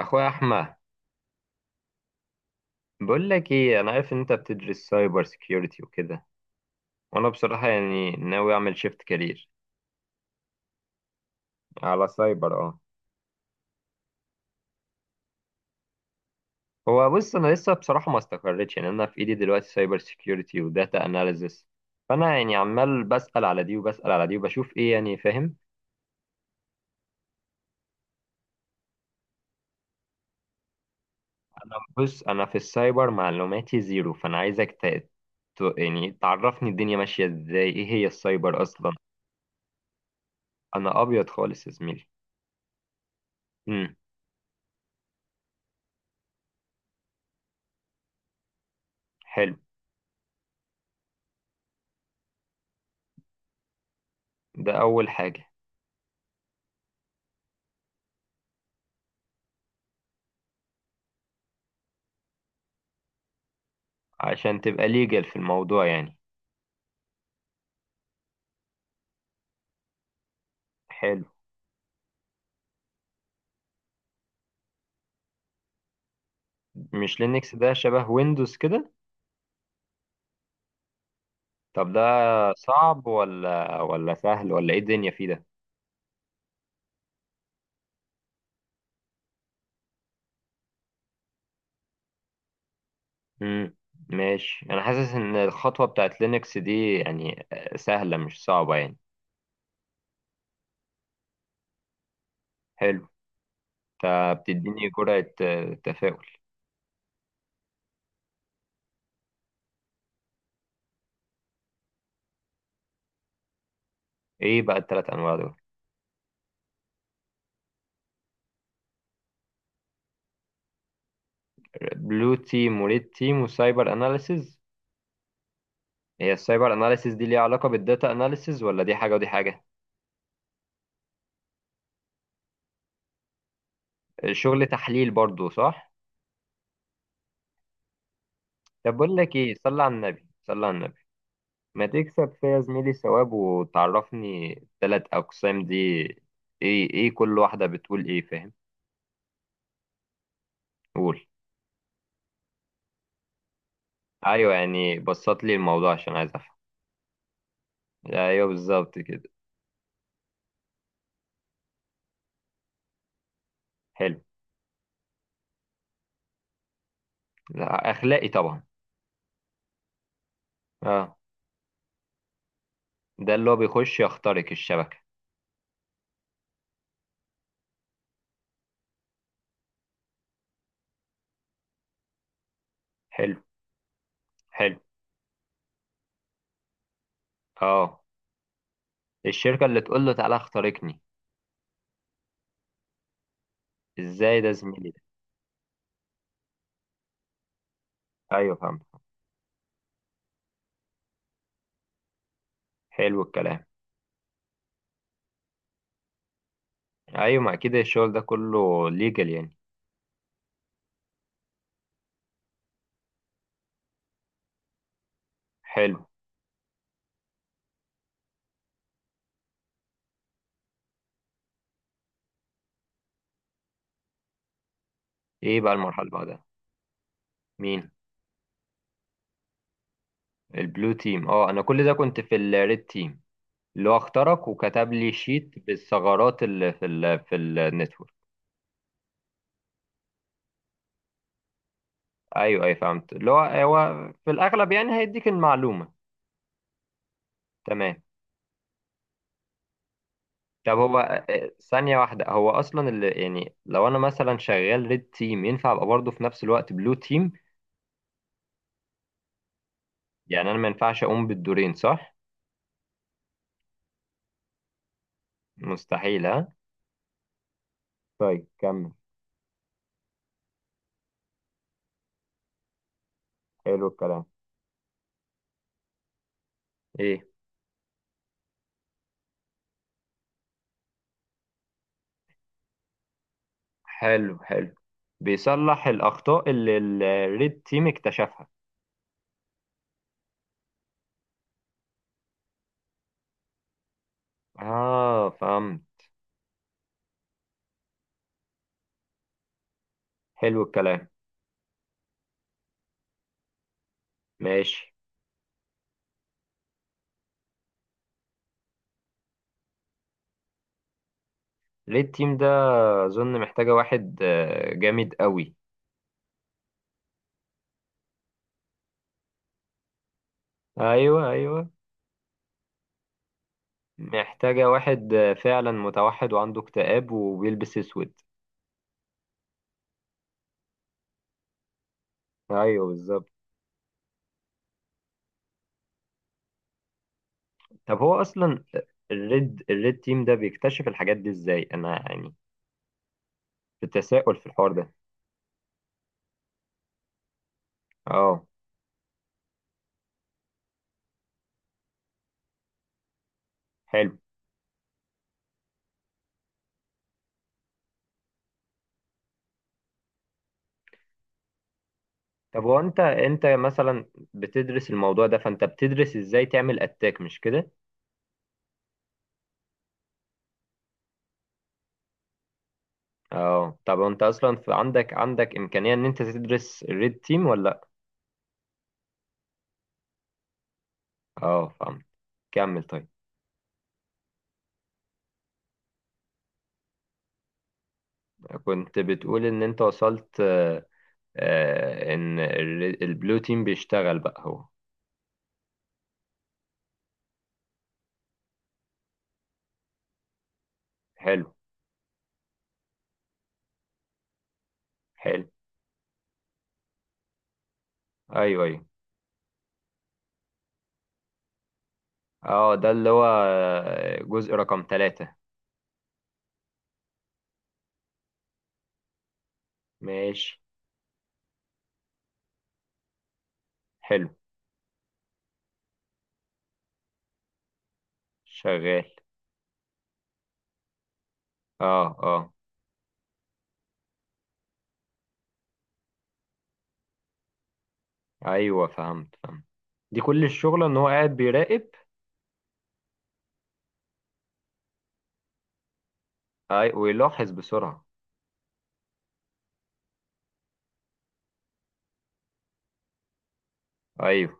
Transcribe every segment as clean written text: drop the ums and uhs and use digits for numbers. اخويا احمد، بقول لك ايه، انا عارف ان انت بتدرس سايبر سيكيورتي وكده. وانا بصراحه يعني ناوي اعمل شيفت كارير على سايبر اه. هو بص، انا لسه بصراحه ما استقريتش يعني. انا في ايدي دلوقتي سايبر سيكيورتي وداتا اناليزس، فانا يعني عمال بسال على دي وبسال على دي وبشوف ايه يعني، فاهم؟ انا بص، انا في السايبر معلوماتي زيرو، فانا عايزك يعني تعرفني الدنيا ماشيه ازاي، ايه هي السايبر اصلا؟ انا ابيض خالص يا زميلي. امم. حلو. ده اول حاجه. عشان تبقى ليجل في الموضوع يعني. حلو. مش لينكس ده شبه ويندوز كده؟ طب ده صعب ولا سهل ولا ايه الدنيا فيه ده؟ امم. ماشي، انا حاسس ان الخطوة بتاعت لينكس دي يعني سهلة مش صعبة يعني. حلو. انت بتديني جرعة تفاؤل. ايه بقى التلات انواع دول؟ بلو تيم وريد تيم وسايبر اناليسز. هي السايبر اناليسز دي ليها علاقة بالداتا اناليسز ولا دي حاجة ودي حاجة؟ شغل تحليل برضو، صح؟ طب بقول لك ايه، صلي على النبي، صلي على النبي. ما تكسب فيا زميلي ثواب وتعرفني التلات أقسام دي. إيه إيه كل واحدة بتقول إيه، فاهم؟ قول. أيوه، يعني بسط لي الموضوع عشان عايز أفهم. أيوه، بالظبط كده. حلو. لا، أخلاقي طبعا. أه. ده اللي هو بيخش يخترق الشبكة. حلو. حلو. أه. الشركة اللي تقول له تعالى اخترقني. إزاي ده زميلي، ده؟ أيوه فهمت. حلو الكلام. أيوه، ما أكيد الشغل ده كله ليجل يعني. حلو. إيه بقى المرحلة اللي بعدها؟ مين؟ البلو تيم، اه. انا كل ده كنت في الريد تيم، اللي هو اخترق وكتب لي شيت بالثغرات اللي في النتورك. ايوه ايوه فهمت، اللي هو في الاغلب يعني هيديك المعلومه. تمام. طب هو ثانيه واحده، هو اصلا اللي يعني لو انا مثلا شغال ريد تيم ينفع ابقى برضه في نفس الوقت بلو تيم؟ يعني انا ما ينفعش اقوم بالدورين، صح؟ مستحيل، ها. طيب كمل. حلو الكلام. ايه. حلو حلو. بيصلح الاخطاء اللي الريد تيم اكتشفها. اه فهمت. حلو الكلام. ماشي. ليه التيم ده؟ اظن محتاجة واحد جامد قوي. ايوه ايوه. محتاجة واحد فعلا متوحد وعنده اكتئاب وبيلبس اسود. ايوه بالظبط. طب هو اصلا الريد تيم ده بيكتشف الحاجات دي ازاي، انا يعني في تساؤل في الحوار ده. اه. حلو. طب هو انت مثلا بتدرس الموضوع ده، فانت بتدرس ازاي تعمل اتاك، مش كده؟ اه، طب انت اصلا في عندك امكانيه ان انت تدرس الريد تيم ولا لا؟ اه فهمت. كمل طيب. كنت بتقول ان انت وصلت ان البلو تيم بيشتغل بقى هو. حلو. حلو. ايوه ايوه. اه ده اللي هو جزء رقم ثلاثة. ماشي. حلو. شغال. اه اه. ايوه فهمت فهمت. دي كل الشغلة ان هو قاعد بيراقب. اي ويلاحظ بسرعة. ايوه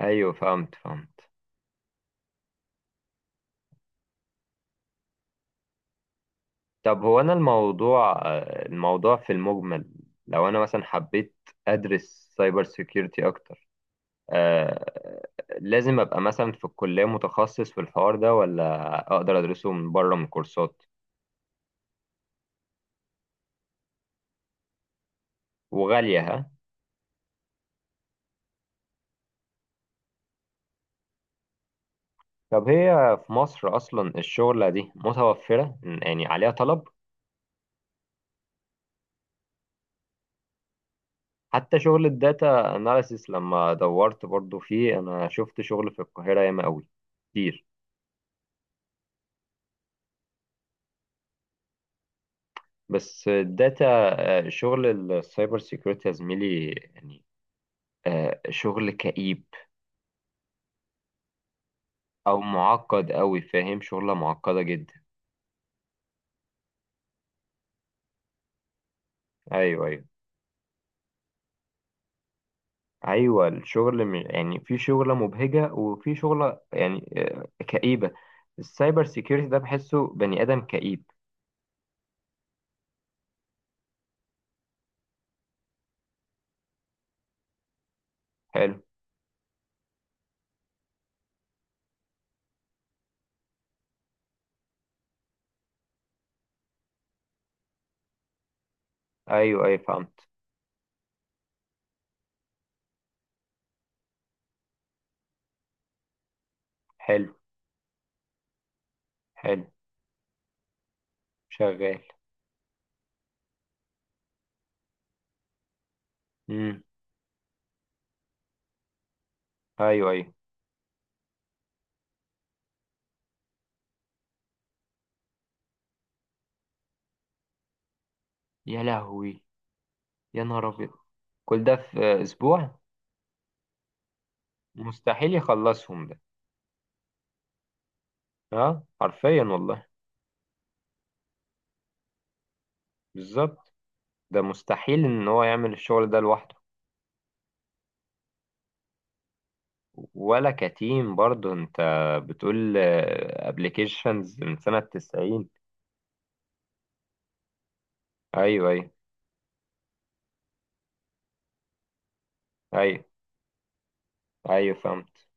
ايوه فهمت فهمت. طب هو أنا الموضوع الموضوع في المجمل، لو أنا مثلا حبيت أدرس سايبر سيكيورتي أكتر آه، لازم أبقى مثلا في الكلية متخصص في الحوار ده، ولا أقدر أدرسه من بره من كورسات؟ وغالية، ها؟ طب هي في مصر أصلا الشغلة دي متوفرة يعني، عليها طلب؟ حتى شغل الداتا أناليسيس لما دورت برضو فيه أنا شفت شغل في القاهرة ياما أوي. كتير. بس الداتا شغل السايبر سيكيورتي يا زميلي يعني شغل كئيب او معقد قوي، فاهم؟ شغلة معقدة جدا. ايوه ايوه. ايوه الشغل يعني في شغلة مبهجة وفي شغلة يعني كئيبة. السايبر سيكيورتي ده بحسه بني ادم كئيب. حلو. ايوه ايوه فهمت. حلو حلو. شغال. امم. ايوه ايوه. يا لهوي. يا نهار ابيض. كل ده في اسبوع؟ مستحيل يخلصهم ده. اه حرفيا والله. بالظبط. ده مستحيل ان هو يعمل الشغل ده لوحده. ولا كتيم برضه، انت بتقول ابلكيشنز من سنة 90. ايوه ايوه. ايوه ايوه فهمت.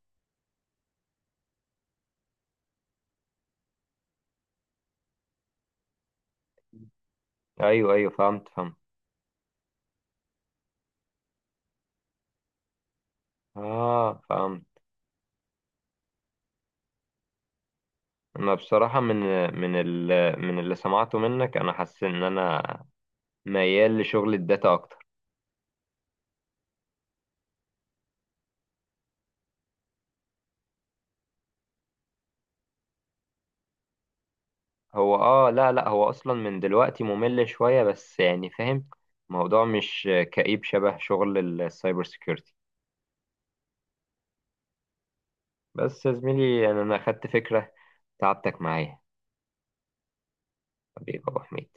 ايوه ايوه فهمت فهمت. اه فهمت. انا بصراحة من ال من اللي سمعته منك انا حاسس ان انا ميال لشغل الداتا اكتر. هو اه، لا لا، هو اصلا من دلوقتي ممل شوية، بس يعني فاهم. الموضوع مش كئيب شبه شغل السايبر سيكيورتي. بس يا زميلي يعني، أنا أخدت فكرة. تعبتك معايا. حبيبي يا أبو حميد.